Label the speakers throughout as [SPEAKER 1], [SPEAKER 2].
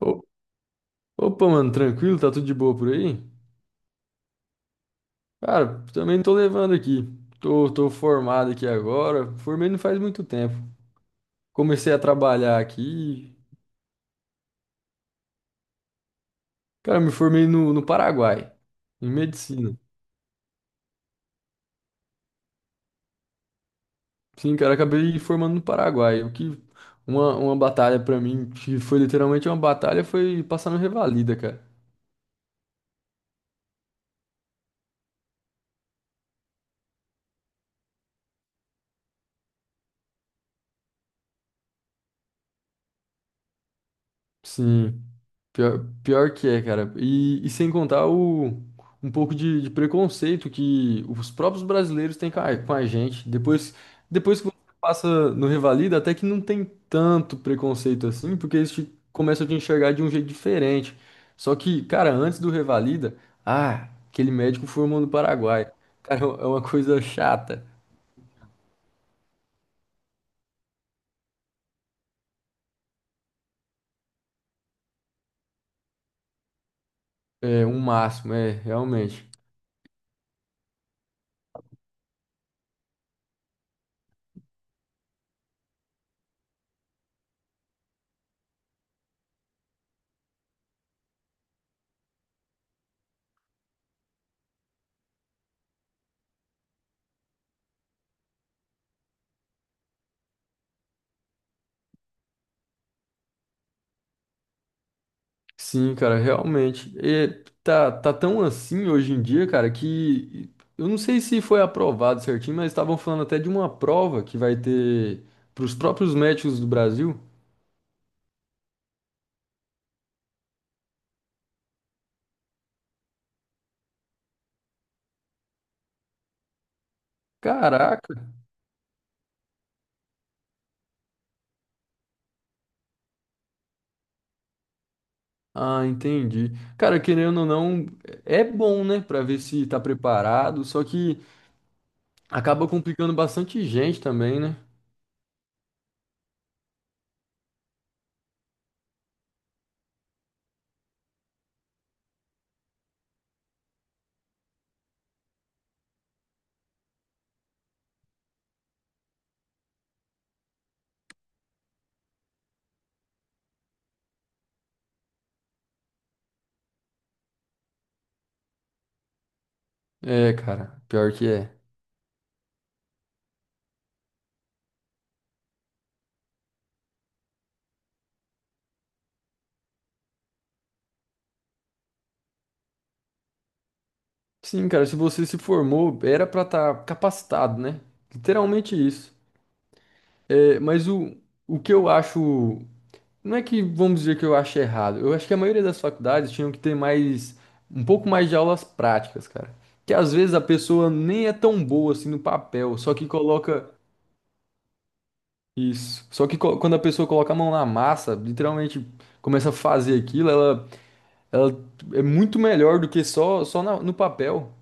[SPEAKER 1] Ô- mano, tranquilo? Tá tudo de boa por aí? Cara, também tô levando aqui. Tô formado aqui agora. Formei não faz muito tempo. Comecei a trabalhar aqui. Cara, me formei no Paraguai, em medicina. Sim, cara, acabei formando no Paraguai. O que uma batalha pra mim, que foi literalmente uma batalha, foi passar no Revalida, cara. Sim. Pior que é, cara. E sem contar o, um pouco de preconceito que os próprios brasileiros têm com com a gente. Depois que você passa no Revalida, até que não tem tanto preconceito assim, porque eles te, começam a te enxergar de um jeito diferente. Só que, cara, antes do Revalida, ah, aquele médico formou no Paraguai. Cara, é uma coisa chata. É, um máximo, é, realmente. Sim, cara, realmente. E tá tão assim hoje em dia, cara, que eu não sei se foi aprovado certinho, mas estavam falando até de uma prova que vai ter para os próprios médicos do Brasil. Caraca! Ah, entendi. Cara, querendo ou não, é bom, né, pra ver se tá preparado, só que acaba complicando bastante gente também, né? É, cara, pior que é. Sim, cara, se você se formou, era pra estar capacitado, né? Literalmente isso. É, mas o que eu acho. Não é que vamos dizer que eu acho errado. Eu acho que a maioria das faculdades tinham que ter mais. Um pouco mais de aulas práticas, cara. Que às vezes a pessoa nem é tão boa assim no papel, só que coloca. Isso. Só que co- quando a pessoa coloca a mão na massa, literalmente começa a fazer aquilo, ela é muito melhor do que só, só na- no papel.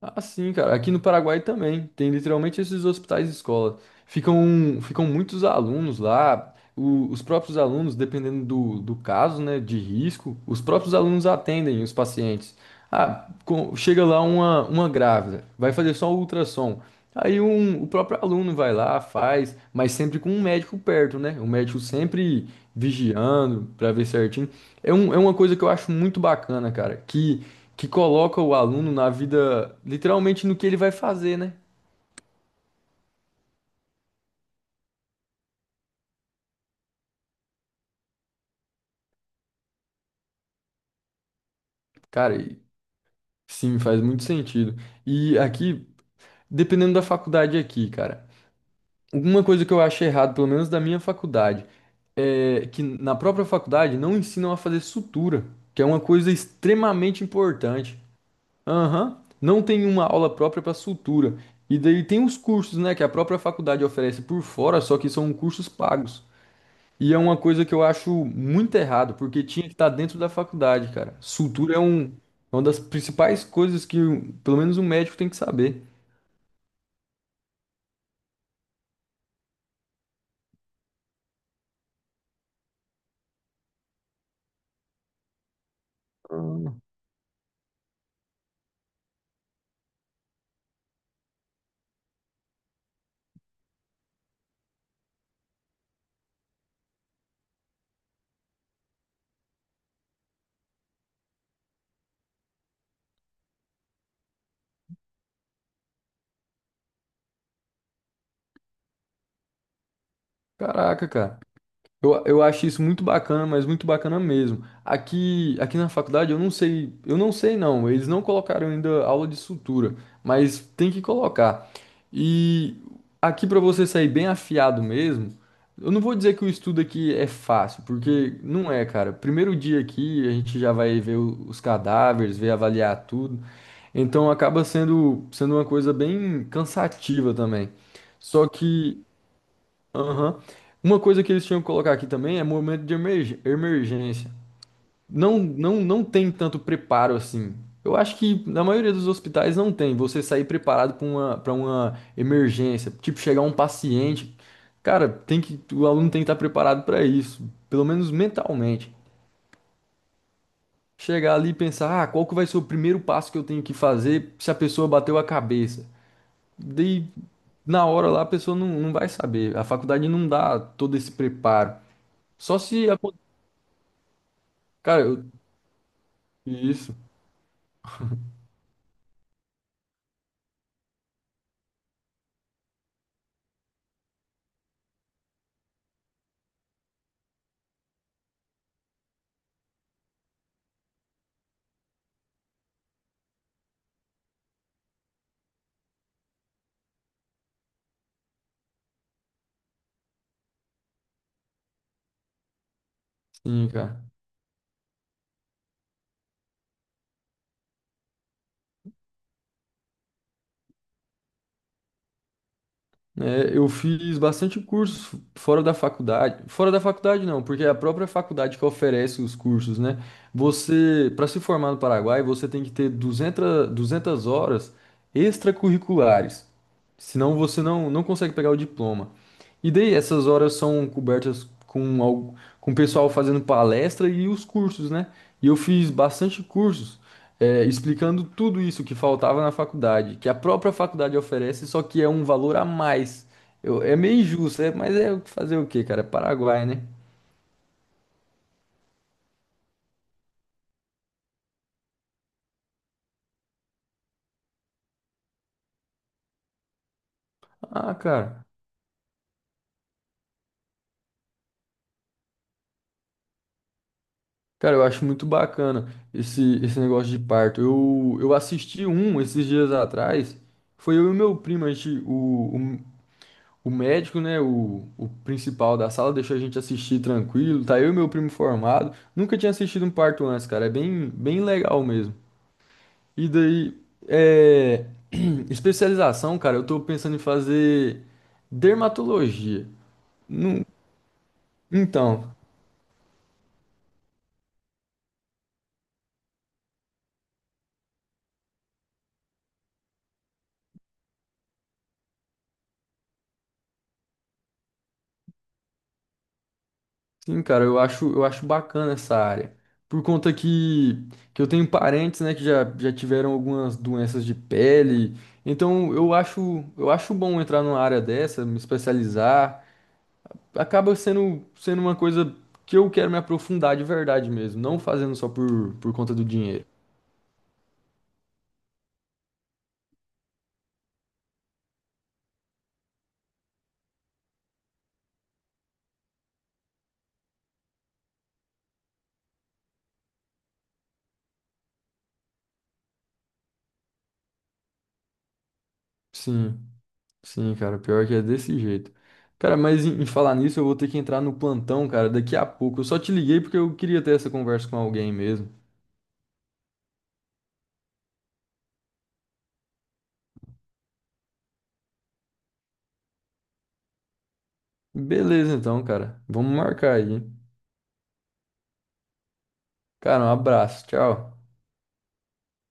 [SPEAKER 1] Ah, sim, cara. Aqui no Paraguai também tem literalmente esses hospitais escola. Ficam muitos alunos lá. O- os próprios alunos, dependendo do caso, né, de risco, os próprios alunos atendem os pacientes. Ah, com- chega lá uma grávida, vai fazer só o ultrassom. Aí um, o próprio aluno vai lá, faz, mas sempre com um médico perto, né? O médico sempre vigiando para ver certinho. É, um, é uma coisa que eu acho muito bacana, cara, que coloca o aluno na vida, literalmente no que ele vai fazer, né? Cara, e- sim, faz muito sentido. E aqui, dependendo da faculdade aqui, cara, uma coisa que eu acho errado, pelo menos da minha faculdade, é que na própria faculdade não ensinam a fazer sutura, que é uma coisa extremamente importante. Aham, não tem uma aula própria para sutura. E daí tem os cursos, né, que a própria faculdade oferece por fora, só que são cursos pagos. E é uma coisa que eu acho muito errado, porque tinha que estar dentro da faculdade, cara. Sutura é um, é uma das principais coisas que um- pelo menos um médico tem que saber. Caraca, cara. Eu acho isso muito bacana, mas muito bacana mesmo. Aqui na faculdade eu não sei não, eles não colocaram ainda aula de sutura, mas tem que colocar. E aqui para você sair bem afiado mesmo, eu não vou dizer que o estudo aqui é fácil, porque não é, cara. Primeiro dia aqui a gente já vai ver o- os cadáveres, ver avaliar tudo. Então acaba sendo uma coisa bem cansativa também. Só que Aham. Uma coisa que eles tinham que colocar aqui também é momento de emerg- emergência. Não, não, tem tanto preparo assim. Eu acho que na maioria dos hospitais não tem. Você sair preparado para uma emergência, tipo chegar um paciente, cara, tem que o aluno tem que estar preparado para isso, pelo menos mentalmente. Chegar ali e pensar, ah, qual que vai ser o primeiro passo que eu tenho que fazer se a pessoa bateu a cabeça? Daí, na hora lá, a pessoa não vai saber. A faculdade não dá todo esse preparo. Só se. Acon- Cara, eu... isso. Sim, cara. É, eu fiz bastante cursos fora da faculdade. Fora da faculdade, não, porque é a própria faculdade que oferece os cursos, né? Você, para se formar no Paraguai, você tem que ter duzentas horas extracurriculares. Senão você não consegue pegar o diploma. E daí essas horas são cobertas com, al- com o pessoal fazendo palestra e os cursos, né? E eu fiz bastante cursos, é, explicando tudo isso que faltava na faculdade, que a própria faculdade oferece, só que é um valor a mais. Eu- é meio injusto, é, mas é fazer o quê, cara? É Paraguai, né? Ah, cara. Cara, eu acho muito bacana esse, esse negócio de parto. Eu assisti um esses dias atrás. Foi eu e meu primo, a gente, o médico, né, o principal da sala, deixou a gente assistir tranquilo. Tá eu e meu primo formado. Nunca tinha assistido um parto antes, cara. É bem, bem legal mesmo. E daí, é... especialização, cara, eu tô pensando em fazer dermatologia. Então, sim, cara, eu acho bacana essa área. Por conta que eu tenho parentes, né, que já, já tiveram algumas doenças de pele. Então, eu acho bom entrar numa área dessa, me especializar. Acaba sendo uma coisa que eu quero me aprofundar de verdade mesmo, não fazendo só por conta do dinheiro. Sim, sim, cara, pior que é desse jeito. Cara, mas em falar nisso, eu vou ter que entrar no plantão, cara, daqui a pouco. Eu só te liguei porque eu queria ter essa conversa com alguém mesmo. Beleza, então, cara. Vamos marcar aí, hein? Cara, um abraço, tchau.